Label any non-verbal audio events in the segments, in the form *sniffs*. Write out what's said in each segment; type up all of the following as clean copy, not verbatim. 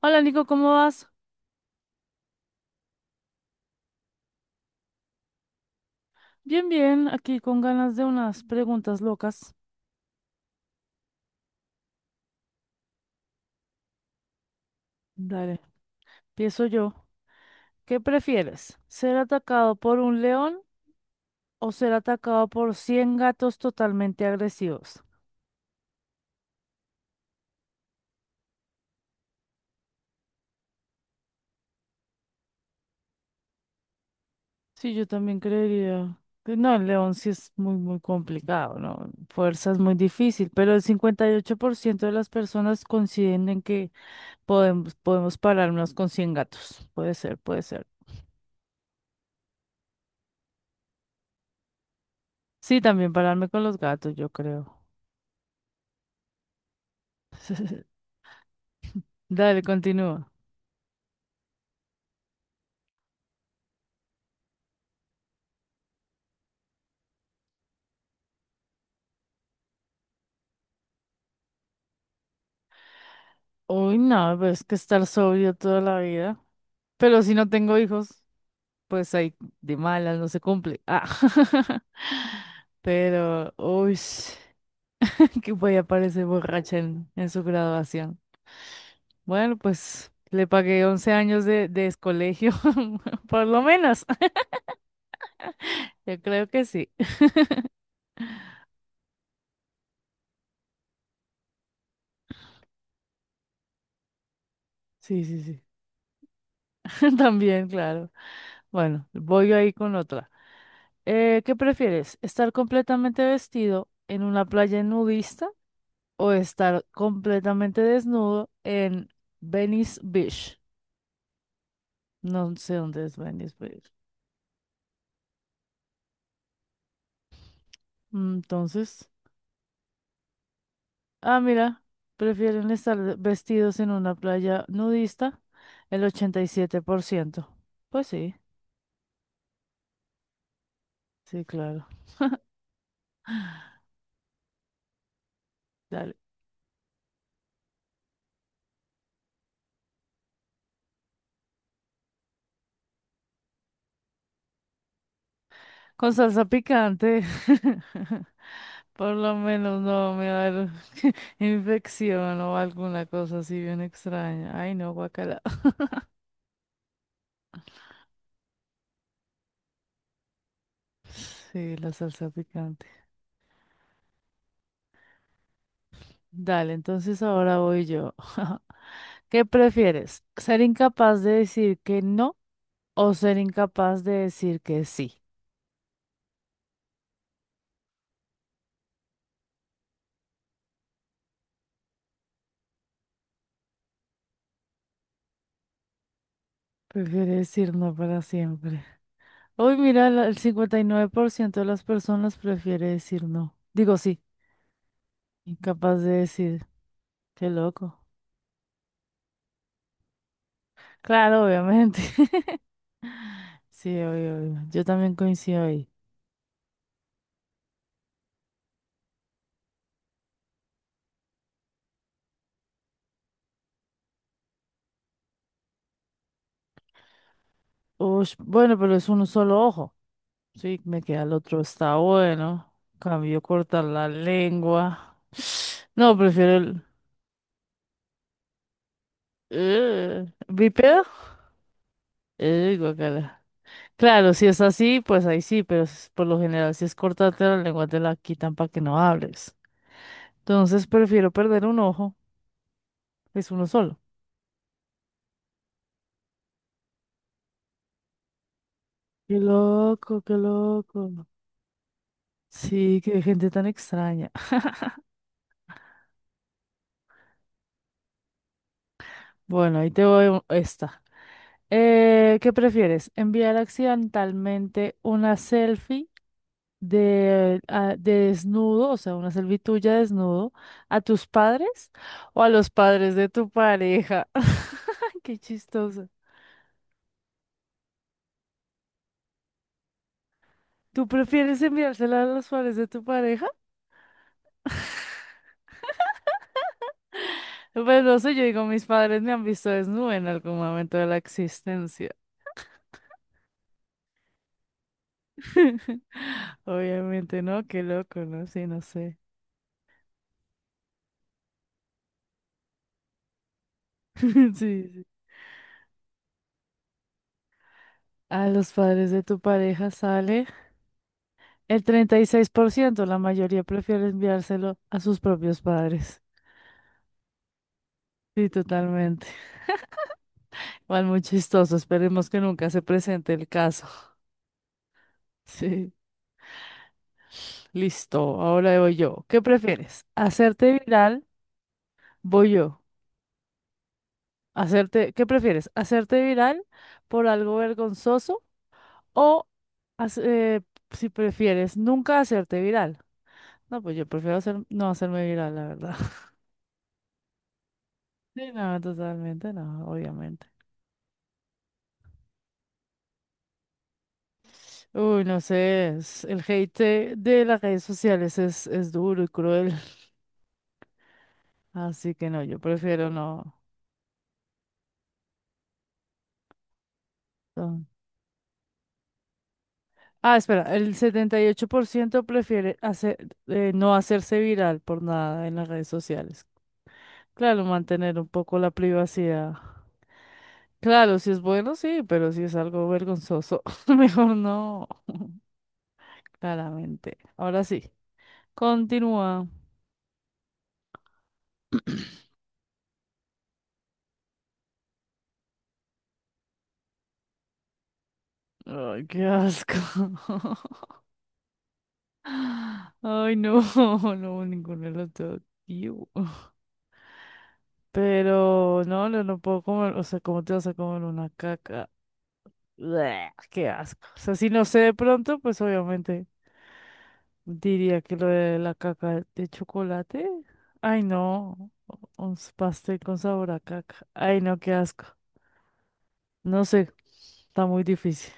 Hola Nico, ¿cómo vas? Bien, bien, aquí con ganas de unas preguntas locas. Dale, empiezo yo. ¿Qué prefieres? ¿Ser atacado por un león o ser atacado por 100 gatos totalmente agresivos? Sí, yo también creería que no, el león sí es muy, muy complicado, ¿no? Fuerza es muy difícil, pero el 58% de las personas coinciden en que podemos pararnos con 100 gatos. Puede ser, puede ser. Sí, también pararme con los gatos, yo creo. *laughs* Dale, continúa. Uy, no, pero es que estar sobrio toda la vida. Pero si no tengo hijos, pues ahí de malas no se cumple. Ah. *laughs* Pero, uy, *laughs* que voy a parecer borracha en, su graduación. Bueno, pues le pagué 11 años de colegio, *laughs* por lo menos. *laughs* Yo creo que sí. *laughs* Sí, sí, sí. *laughs* También, claro. Bueno, voy ahí con otra. ¿Qué prefieres? ¿Estar completamente vestido en una playa nudista o estar completamente desnudo en Venice Beach? No sé dónde es Venice Beach. Entonces, ah, mira, prefieren estar vestidos en una playa nudista el 87%. Pues sí, sí, claro. Dale. Con salsa picante. *laughs* Por lo menos no me va a dar *laughs* infección o alguna cosa así bien extraña. Ay, no, guacala. *laughs* Sí, la salsa picante. Dale, entonces ahora voy yo. *laughs* ¿Qué prefieres? ¿Ser incapaz de decir que no o ser incapaz de decir que sí? Prefiere decir no para siempre. Hoy mira, el 59% de las personas prefiere decir no. Digo sí, incapaz de decir. Qué loco. Claro, obviamente. *laughs* Sí, obvio, obvio. Yo también coincido ahí. Ush, bueno, pero es un solo ojo. Sí, me queda el otro, está bueno. Cambio cortar la lengua. *sniffs* No, prefiero el. ¿Bípedo? Guacala. Claro, si es así, pues ahí sí, pero por lo general, si es cortarte la lengua, te la quitan para que no hables. Entonces prefiero perder un ojo, es uno solo. Qué loco, qué loco. Sí, qué gente tan extraña. *sniffs* *laughs* Bueno, ahí te voy esta. ¿Qué prefieres? ¿Enviar accidentalmente una selfie de, de desnudo, o sea, una servitud ya desnudo, a tus padres o a los padres de tu pareja? *laughs* Qué chistoso. ¿Tú prefieres enviársela a los padres de tu pareja? *laughs* Pues no sé, yo digo, mis padres me han visto desnuda en algún momento de la existencia. *laughs* Obviamente, ¿no? Qué loco, ¿no? Sí, no sé. *laughs* Sí, sí. A los padres de tu pareja sale. El 36%, la mayoría prefiere enviárselo a sus propios padres. Sí, totalmente. Igual muy chistoso. Esperemos que nunca se presente el caso. *laughs* Sí, listo. Ahora voy yo. ¿Qué prefieres? ¿Hacerte viral? Voy yo. ¿Qué prefieres? ¿Hacerte viral por algo vergonzoso o hac- eh, si prefieres nunca hacerte viral? No, pues yo prefiero no hacerme viral, la verdad. *laughs* Sí, no, totalmente no, obviamente. Uy, no sé, el hate de las redes sociales es duro y cruel, *laughs* así que no, yo prefiero no. No. Ah, espera, el 78% prefiere no hacerse viral por nada en las redes sociales. Claro, mantener un poco la privacidad. Claro, si es bueno, sí, pero si es algo vergonzoso, *laughs* mejor no, claramente. Ahora sí, continúa. Ay, qué asco. *laughs* Ay, no, *laughs* no, ninguno de los dos. Iu. Pero no, no, no puedo comer, o sea, ¿cómo te vas a comer una caca? Bleh, qué asco. O sea, si no sé de pronto, pues obviamente diría que lo de la caca de chocolate. Ay, no, un pastel con sabor a caca. Ay, no, qué asco. No sé, está muy difícil.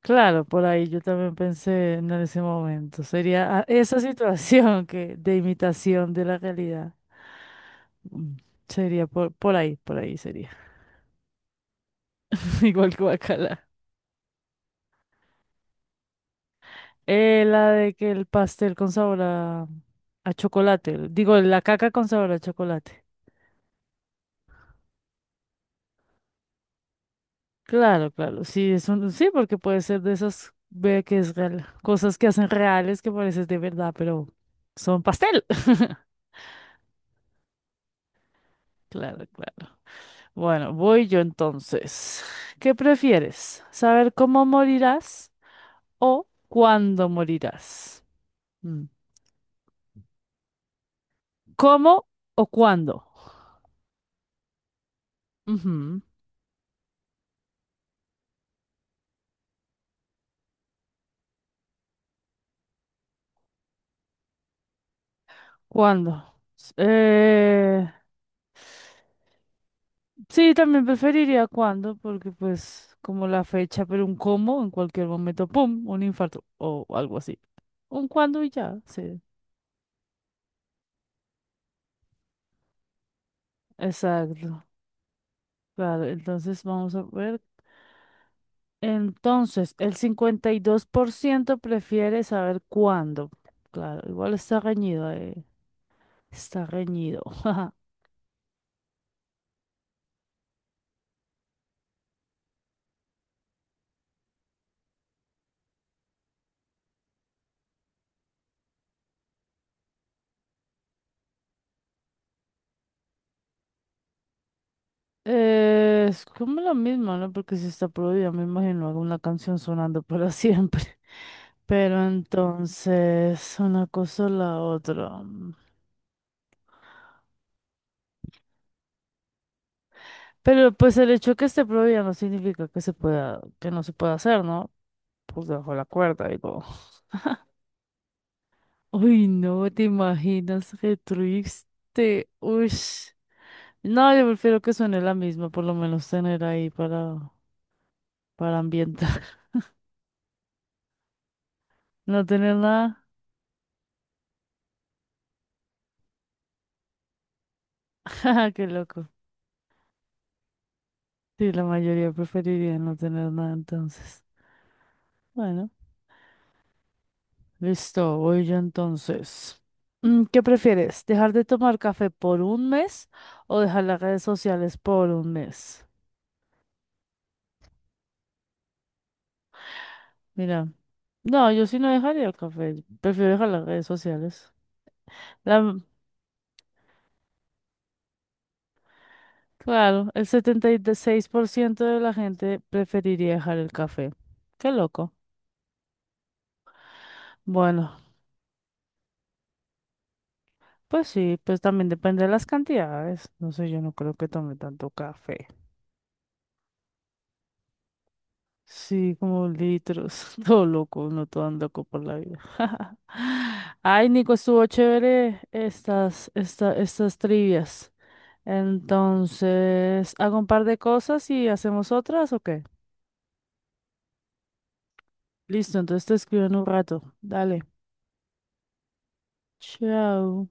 Claro, por ahí yo también pensé en ese momento. Sería ah, esa *laughs* situación que de imitación de la realidad. Mm, Sería por ahí, por ahí sería. *laughs* Igual que guacala. La de que el pastel con sabor a chocolate. Digo, la caca con sabor a chocolate. Claro, claro. Sí, sí, porque puede ser de esas ve que es real, cosas que hacen reales que pareces de verdad, pero son pastel. *laughs* Claro, claro. Bueno, voy yo entonces. ¿Qué prefieres? ¿Saber cómo morirás o cuándo morirás? Mm. ¿Cómo o cuándo? Ujú. ¿Cuándo? S- Eh... Sí, también preferiría cuándo, porque pues como la fecha, pero un cómo, en cualquier momento, ¡pum!, un infarto o algo así. Un cuándo y ya, sí. Exacto. Claro, entonces vamos a ver. Entonces, el 52% prefiere saber cuándo. Claro, igual está reñido. Está reñido. *laughs* Es como lo mismo, ¿no? Porque si está prohibida, me imagino alguna canción sonando para siempre. *laughs* Pero entonces, una cosa o la otra. Mm. Pero pues el hecho que esté prohibida no significa que se pueda, que no se pueda hacer, ¿no? Pues bajo la cuerda, digo. *laughs* Uy, no, te imaginas, qué triste. Uy. No, yo prefiero que suene la misma, por lo menos tener ahí para ambientar. *laughs* No tener nada. *laughs* Qué loco. Sí, la mayoría preferiría no tener nada entonces. Bueno, listo, voy yo entonces. ¿Qué prefieres? ¿Dejar de tomar café por un mes o dejar las redes sociales por un mes? Mira, no, yo sí no dejaría el café, prefiero dejar las redes sociales. La- claro, el 76% de la gente preferiría dejar el café. Qué loco. Bueno, pues sí, pues también depende de las cantidades. No sé, yo no creo que tome tanto café. Sí, como litros. *laughs* Todo loco, no todo loco por la vida. *laughs* Ay, Nico, estuvo chévere estas, esta, estas trivias. Entonces, hago un par de cosas y hacemos otras, ¿o qué? Listo, entonces te escribo en un rato. Dale. Chao.